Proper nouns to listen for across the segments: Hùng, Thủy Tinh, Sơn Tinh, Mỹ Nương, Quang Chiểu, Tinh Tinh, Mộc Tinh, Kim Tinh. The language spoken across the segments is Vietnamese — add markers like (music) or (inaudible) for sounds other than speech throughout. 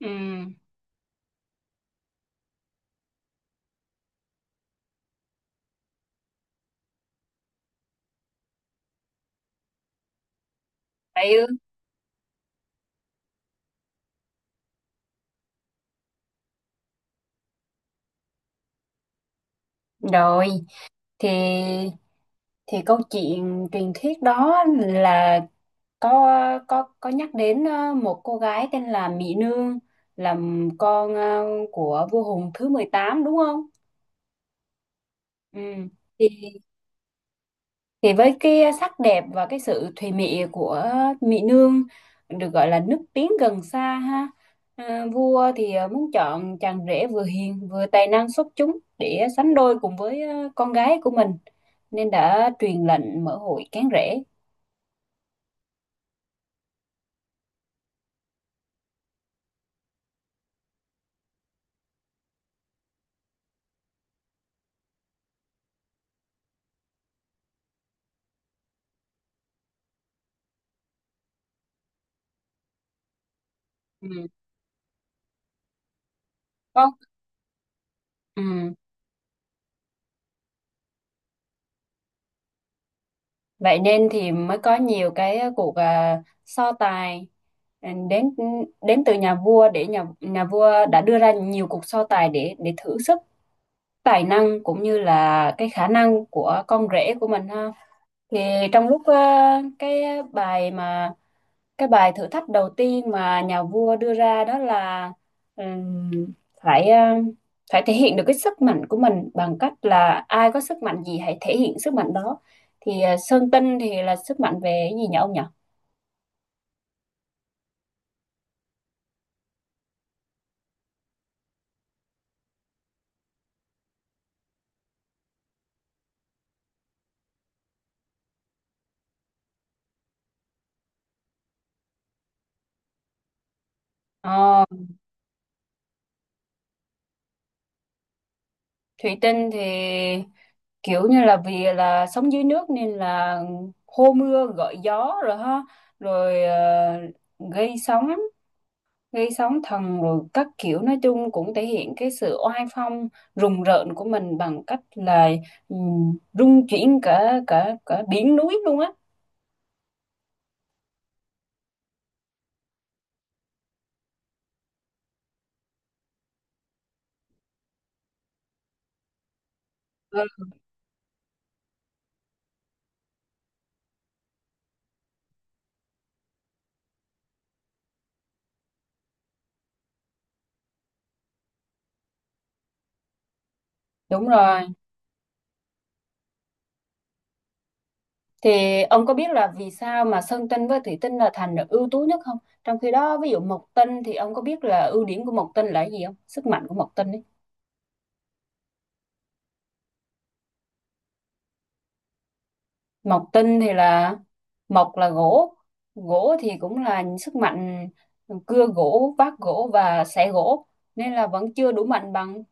Ừ, ừ. Rồi, thì thì câu chuyện truyền thuyết đó là có có nhắc đến một cô gái tên là Mỹ Nương, là con của vua Hùng thứ 18, đúng không? Ừ. Thì Thì với cái sắc đẹp và cái sự thùy mị của Mỹ Nương, được gọi là nước tiếng gần xa, ha. À, vua thì muốn chọn chàng rể vừa hiền vừa tài năng xuất chúng để sánh đôi cùng với con gái của mình, nên đã truyền lệnh mở hội cán rể. Ừ. Con. Ừ. Vậy nên thì mới có nhiều cái cuộc so tài, ừ, đến đến từ nhà vua, để nhà nhà vua đã đưa ra nhiều cuộc so tài để thử sức, tài năng cũng như là cái khả năng của con rể của mình, ha. Thì trong lúc cái bài mà cái bài thử thách đầu tiên mà nhà vua đưa ra đó là ừm, phải phải thể hiện được cái sức mạnh của mình bằng cách là ai có sức mạnh gì hãy thể hiện sức mạnh đó. Thì Sơn Tinh thì là sức mạnh về cái gì nhỉ ông nhỉ? Ờ, Thủy Tinh thì kiểu như là vì là sống dưới nước nên là hô mưa gọi gió rồi, ha, rồi gây sóng gây sóng thần rồi các kiểu, nói chung cũng thể hiện cái sự oai phong rùng rợn của mình bằng cách là rung chuyển cả cả cả biển núi luôn á. Ừ. Đúng rồi. Thì ông có biết là vì sao mà Sơn Tinh với Thủy Tinh là thành được ưu tú nhất không, trong khi đó ví dụ Mộc Tinh thì ông có biết là ưu điểm của Mộc Tinh là cái gì không, sức mạnh của Mộc Tinh ấy? Mộc Tinh thì là, mộc là gỗ, gỗ thì cũng là sức mạnh, cưa gỗ vác gỗ và xẻ gỗ, nên là vẫn chưa đủ mạnh bằng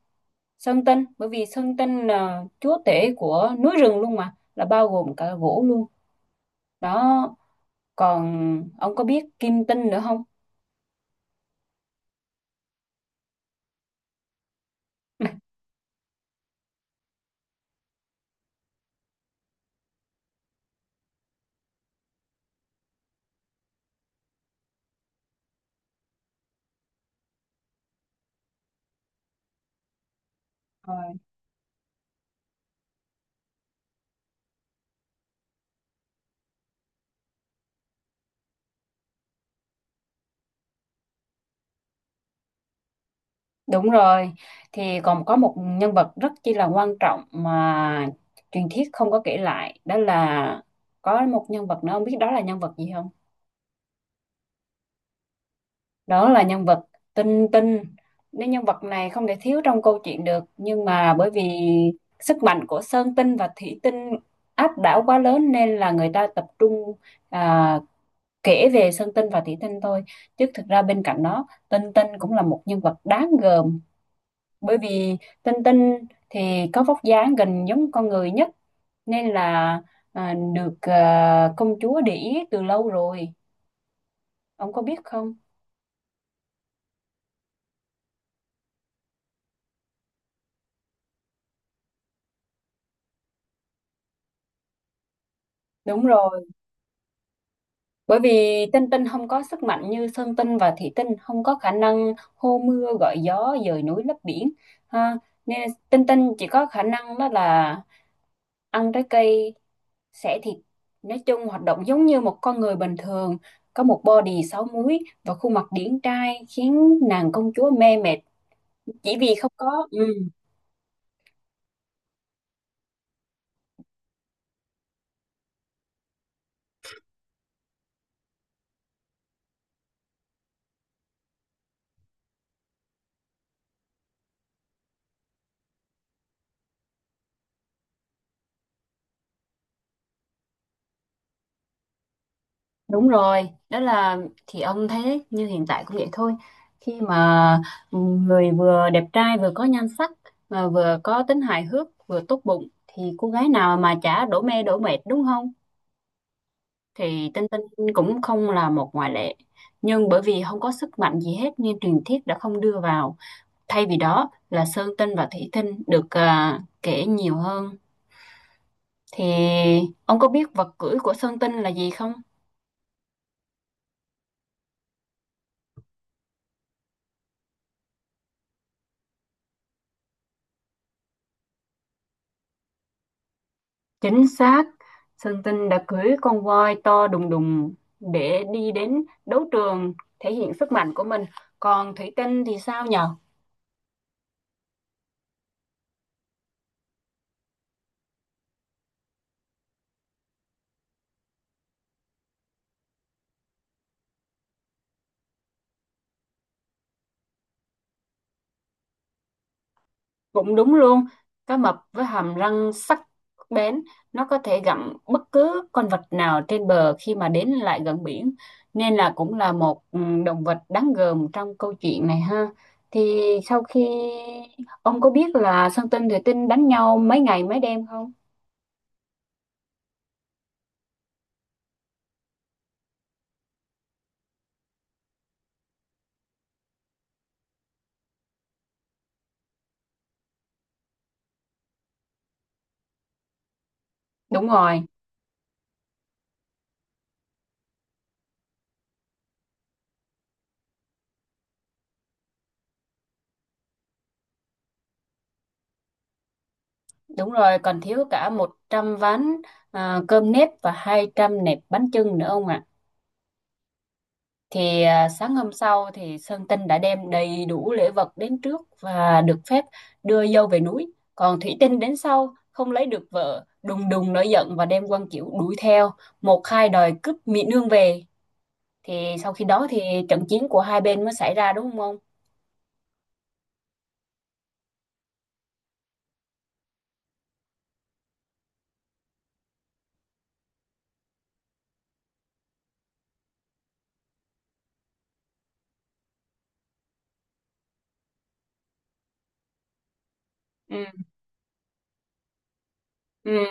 Sơn Tinh, bởi vì Sơn Tinh là chúa tể của núi rừng luôn mà, là bao gồm cả gỗ luôn đó. Còn ông có biết Kim Tinh nữa không? (laughs) Rồi. Đúng rồi, thì còn có một nhân vật rất chi là quan trọng mà truyền thuyết không có kể lại, đó là có một nhân vật nữa, ông biết đó là nhân vật gì không? Đó là nhân vật Tinh Tinh. Nên nhân vật này không thể thiếu trong câu chuyện được, nhưng mà bởi vì sức mạnh của Sơn Tinh và Thủy Tinh áp đảo quá lớn nên là người ta tập trung à, kể về Sơn Tinh và Thủy Tinh thôi, chứ thực ra bên cạnh đó Tinh Tinh cũng là một nhân vật đáng gờm. Bởi vì Tinh Tinh thì có vóc dáng gần giống con người nhất, nên là được công chúa để ý từ lâu rồi, ông có biết không? Đúng rồi. Bởi vì Tinh Tinh không có sức mạnh như Sơn Tinh và Thủy Tinh, không có khả năng hô mưa gọi gió dời núi lấp biển. Ha. Nên Tinh Tinh chỉ có khả năng đó là ăn trái cây, xẻ thịt. Nói chung hoạt động giống như một con người bình thường, có một body 6 múi và khuôn mặt điển trai khiến nàng công chúa mê mệt chỉ vì không có. Ừ. Đúng rồi, đó là, thì ông thấy đấy, như hiện tại cũng vậy thôi. Khi mà người vừa đẹp trai vừa có nhan sắc mà vừa có tính hài hước, vừa tốt bụng thì cô gái nào mà chả đổ mê đổ mệt, đúng không? Thì Tinh Tinh cũng không là một ngoại lệ. Nhưng bởi vì không có sức mạnh gì hết nên truyền thuyết đã không đưa vào. Thay vì đó là Sơn Tinh và Thủy Tinh được kể nhiều hơn. Thì ông có biết vật cưỡi của Sơn Tinh là gì không? Chính xác, Sơn Tinh đã cưỡi con voi to đùng đùng để đi đến đấu trường thể hiện sức mạnh của mình. Còn Thủy Tinh thì sao nhờ? Cũng đúng luôn, cá mập với hàm răng sắc bén, nó có thể gặm bất cứ con vật nào trên bờ khi mà đến lại gần biển, nên là cũng là một, ừ, động vật đáng gờm trong câu chuyện này, ha. Thì sau khi, ông có biết là Sơn Tinh Thủy Tinh đánh nhau mấy ngày mấy đêm không? Đúng rồi. Đúng rồi, còn thiếu cả 100 ván cơm nếp và 200 nẹp bánh chưng nữa ông ạ. Thì sáng hôm sau thì Sơn Tinh đã đem đầy đủ lễ vật đến trước và được phép đưa dâu về núi. Còn Thủy Tinh đến sau, không lấy được vợ, đùng đùng nổi giận và đem Quang Chiểu đuổi theo, một hai đòi cướp Mỹ Nương về. Thì sau khi đó thì trận chiến của hai bên mới xảy ra, đúng không ông? Ừ, ừ,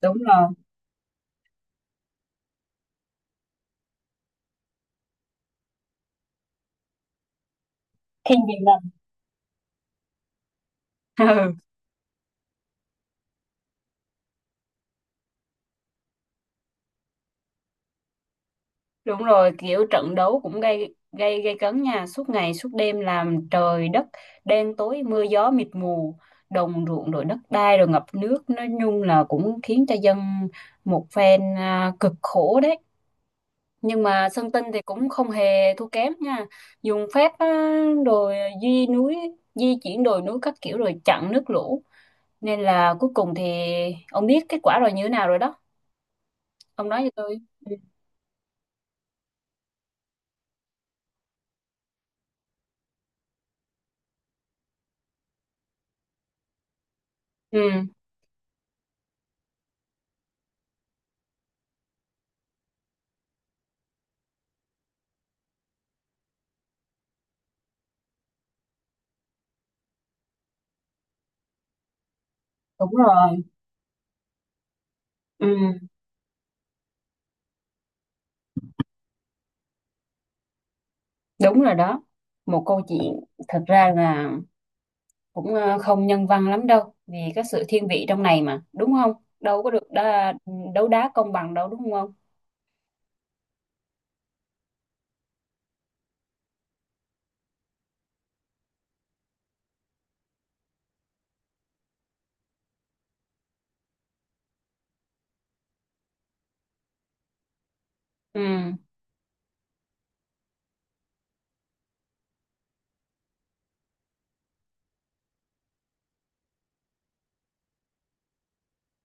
đúng rồi. Thiên vị lần. (laughs) Đúng rồi, kiểu trận đấu cũng gây gây gây cấn nha, suốt ngày suốt đêm làm trời đất đen tối mưa gió mịt mù, đồng ruộng rồi đất đai rồi ngập nước, nói chung là cũng khiến cho dân một phen cực khổ đấy. Nhưng mà Sơn Tinh thì cũng không hề thua kém nha. Dùng phép á, rồi di núi, di chuyển đồi núi các kiểu rồi chặn nước lũ. Nên là cuối cùng thì ông biết kết quả rồi như thế nào rồi đó. Ông nói cho tôi. Ừ, đúng rồi. Ừ. Đúng rồi đó, một câu chuyện thật ra là cũng không nhân văn lắm đâu, vì cái sự thiên vị trong này mà, đúng không? Đâu có được đá, đấu đá công bằng đâu đúng không? Ừ,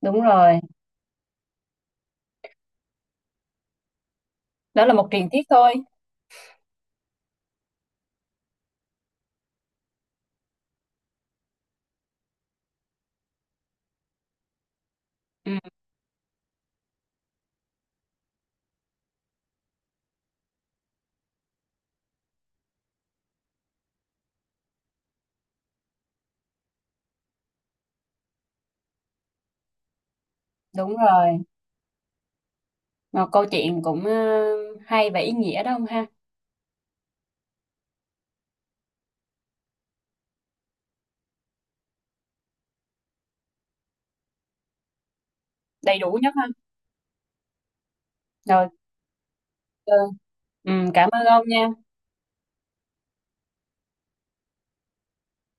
đúng rồi, đó là một truyền thuyết thôi. Ừ, đúng rồi, một câu chuyện cũng hay và ý nghĩa đó không ha? Đầy đủ nhất ha. Rồi, ờ, cảm ơn ông nha.